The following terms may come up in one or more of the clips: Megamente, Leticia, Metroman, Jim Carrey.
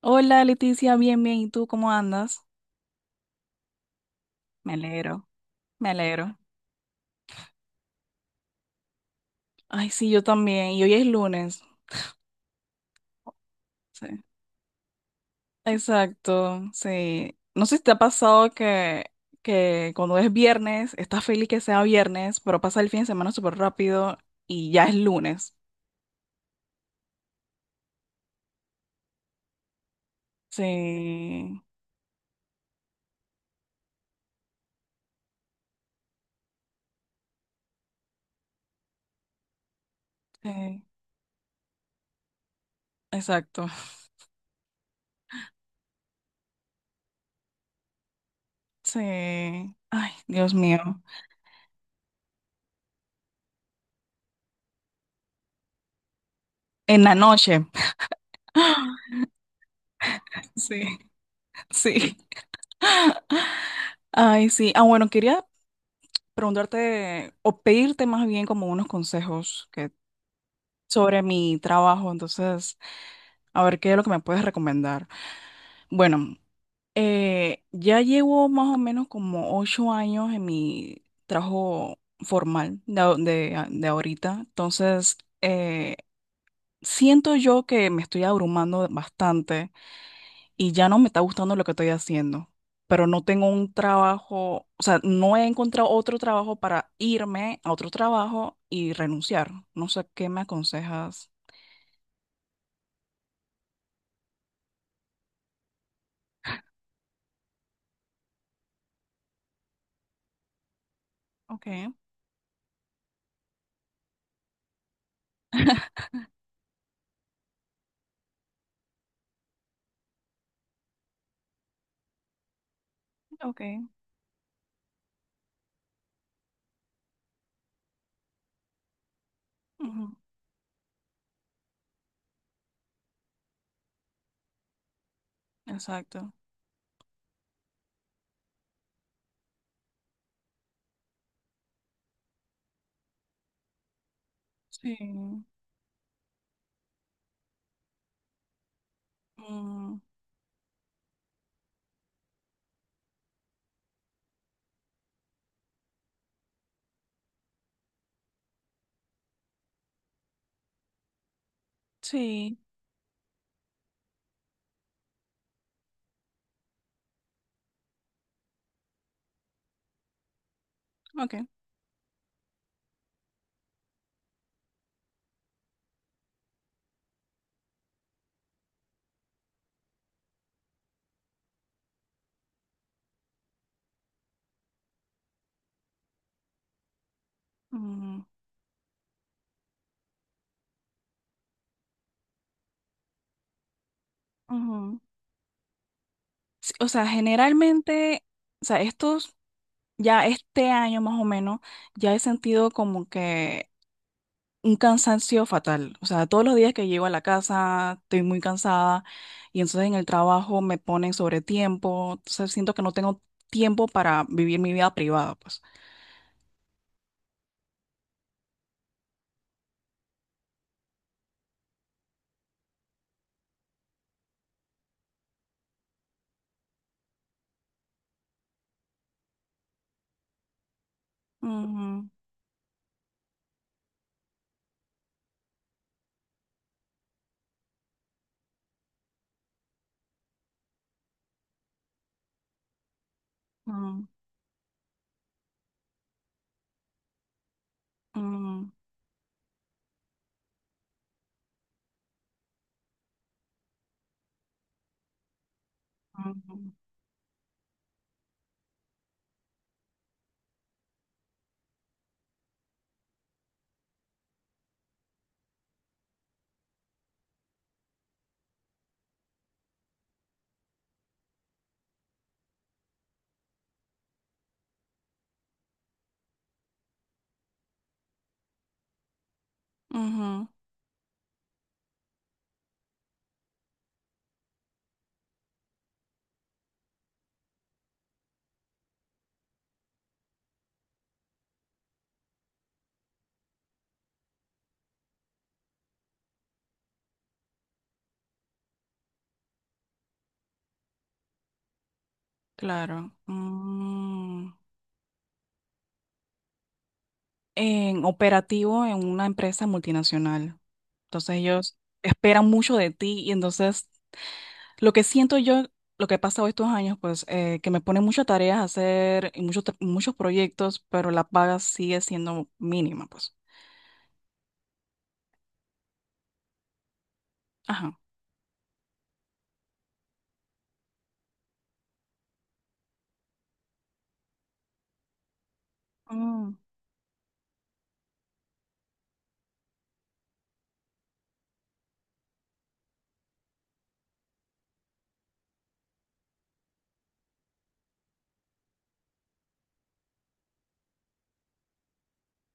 Hola Leticia, bien, bien. ¿Y tú cómo andas? Me alegro, me alegro. Ay, sí, yo también. Y hoy es lunes. Sí. Exacto, sí. No sé si te ha pasado que cuando es viernes, estás feliz que sea viernes, pero pasa el fin de semana súper rápido y ya es lunes. Sí, sí, exacto. Sí. Ay, Dios mío. En la noche. Sí, sí. Ay, sí. Ah, bueno, quería preguntarte o pedirte más bien como unos consejos sobre mi trabajo. Entonces, a ver qué es lo que me puedes recomendar. Bueno, ya llevo más o menos como 8 años en mi trabajo formal de ahorita. Entonces, siento yo que me estoy abrumando bastante y ya no me está gustando lo que estoy haciendo, pero no tengo un trabajo, o sea, no he encontrado otro trabajo para irme a otro trabajo y renunciar. No sé qué me aconsejas. Ok, ok, ujú, exacto. Sí. Mm, sí, ok. Mm, ujú. Sí, o sea, generalmente, o sea, estos, ya este año más o menos, ya he sentido como que un cansancio fatal. O sea, todos los días que llego a la casa estoy muy cansada y entonces en el trabajo me ponen sobre tiempo. Entonces siento que no tengo tiempo para vivir mi vida privada, pues. Ujú, ujú, ujú, ujú, ujú, claro. Mm. En operativo en una empresa multinacional. Entonces ellos esperan mucho de ti y entonces lo que siento yo, lo que ha pasado estos años, pues que me pone muchas tareas a hacer y muchos proyectos, pero la paga sigue siendo mínima, pues. Ajá. Mm,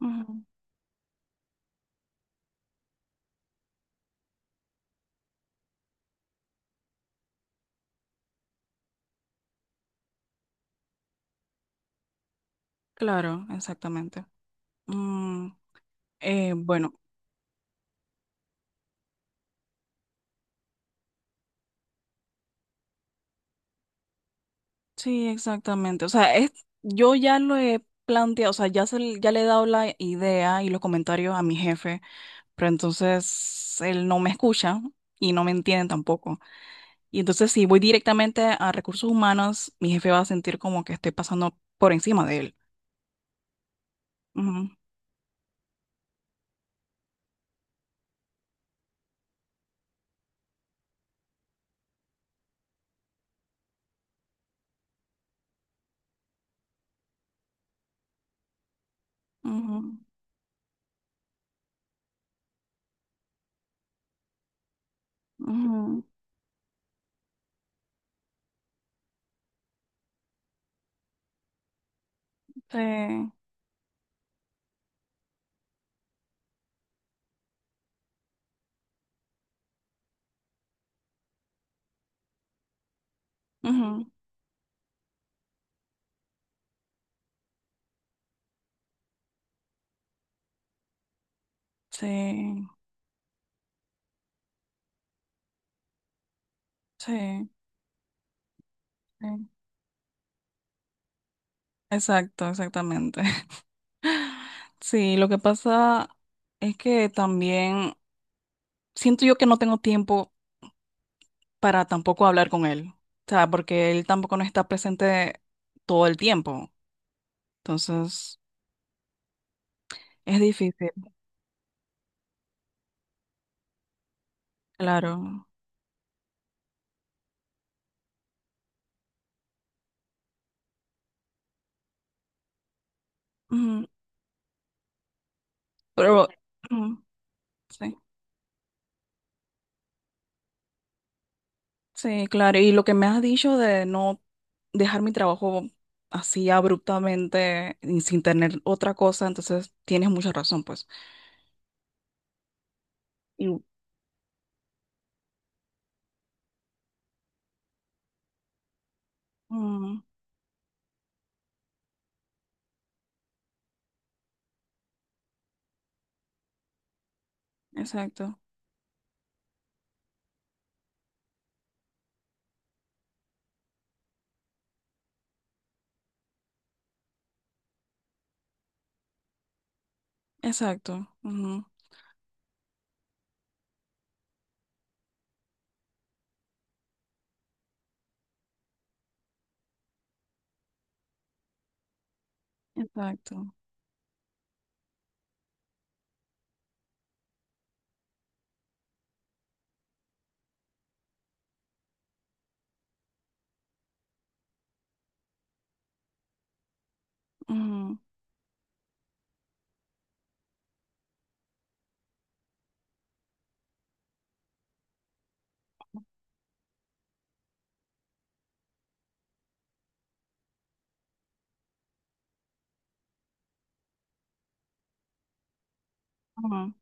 ujú. Claro, exactamente. Mm, bueno, sí, exactamente. O sea, es, yo ya lo he planteado, o sea, ya le he dado la idea y los comentarios a mi jefe, pero entonces él no me escucha y no me entiende tampoco. Y entonces si voy directamente a recursos humanos, mi jefe va a sentir como que estoy pasando por encima de él. Ujú, ujú, ujú, sí, ujú, sí, sí, sí. Exacto, exactamente. Sí, lo que pasa es que también siento yo que no tengo tiempo para tampoco hablar con él. O sea, porque él tampoco no está presente todo el tiempo. Entonces, es difícil, claro. Ujú, pero, ujú, sí. Sí, claro. Y lo que me has dicho de no dejar mi trabajo así abruptamente y sin tener otra cosa, entonces tienes mucha razón, pues. Y... Mm, exacto, exacto, ujú, exacto, ujú, ujú,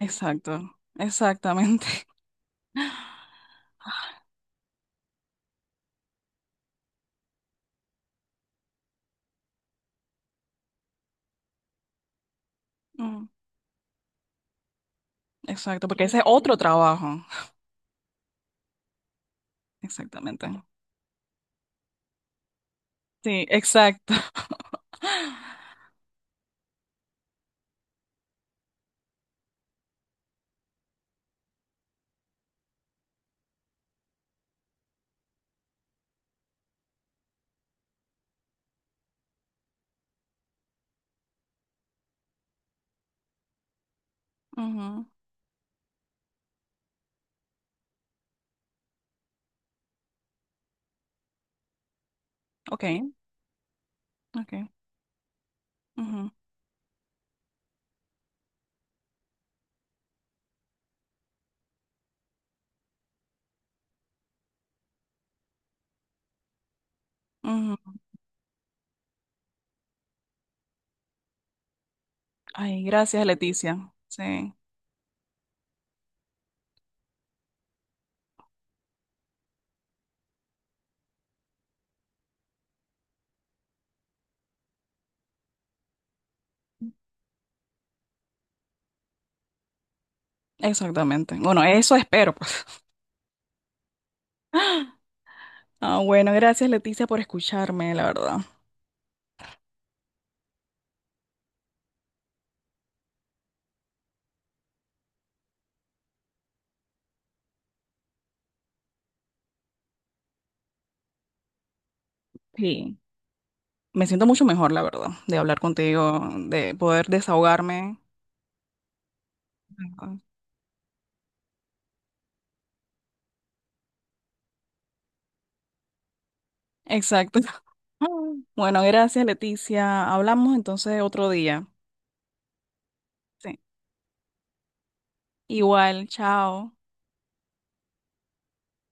exacto, exactamente. Ujú, exacto, porque ese es otro trabajo. Exactamente. Sí, exacto. Ujú, ok, ok. Ujú, ujú. Ay, gracias, Leticia. Sí, exactamente. Bueno, eso espero, pues. Ah, bueno, gracias Leticia por escucharme, la verdad. Sí, me siento mucho mejor, la verdad, de hablar contigo, de poder desahogarme. Ah, exacto. Bueno, gracias Leticia. Hablamos entonces otro día. Sí. Igual, chao.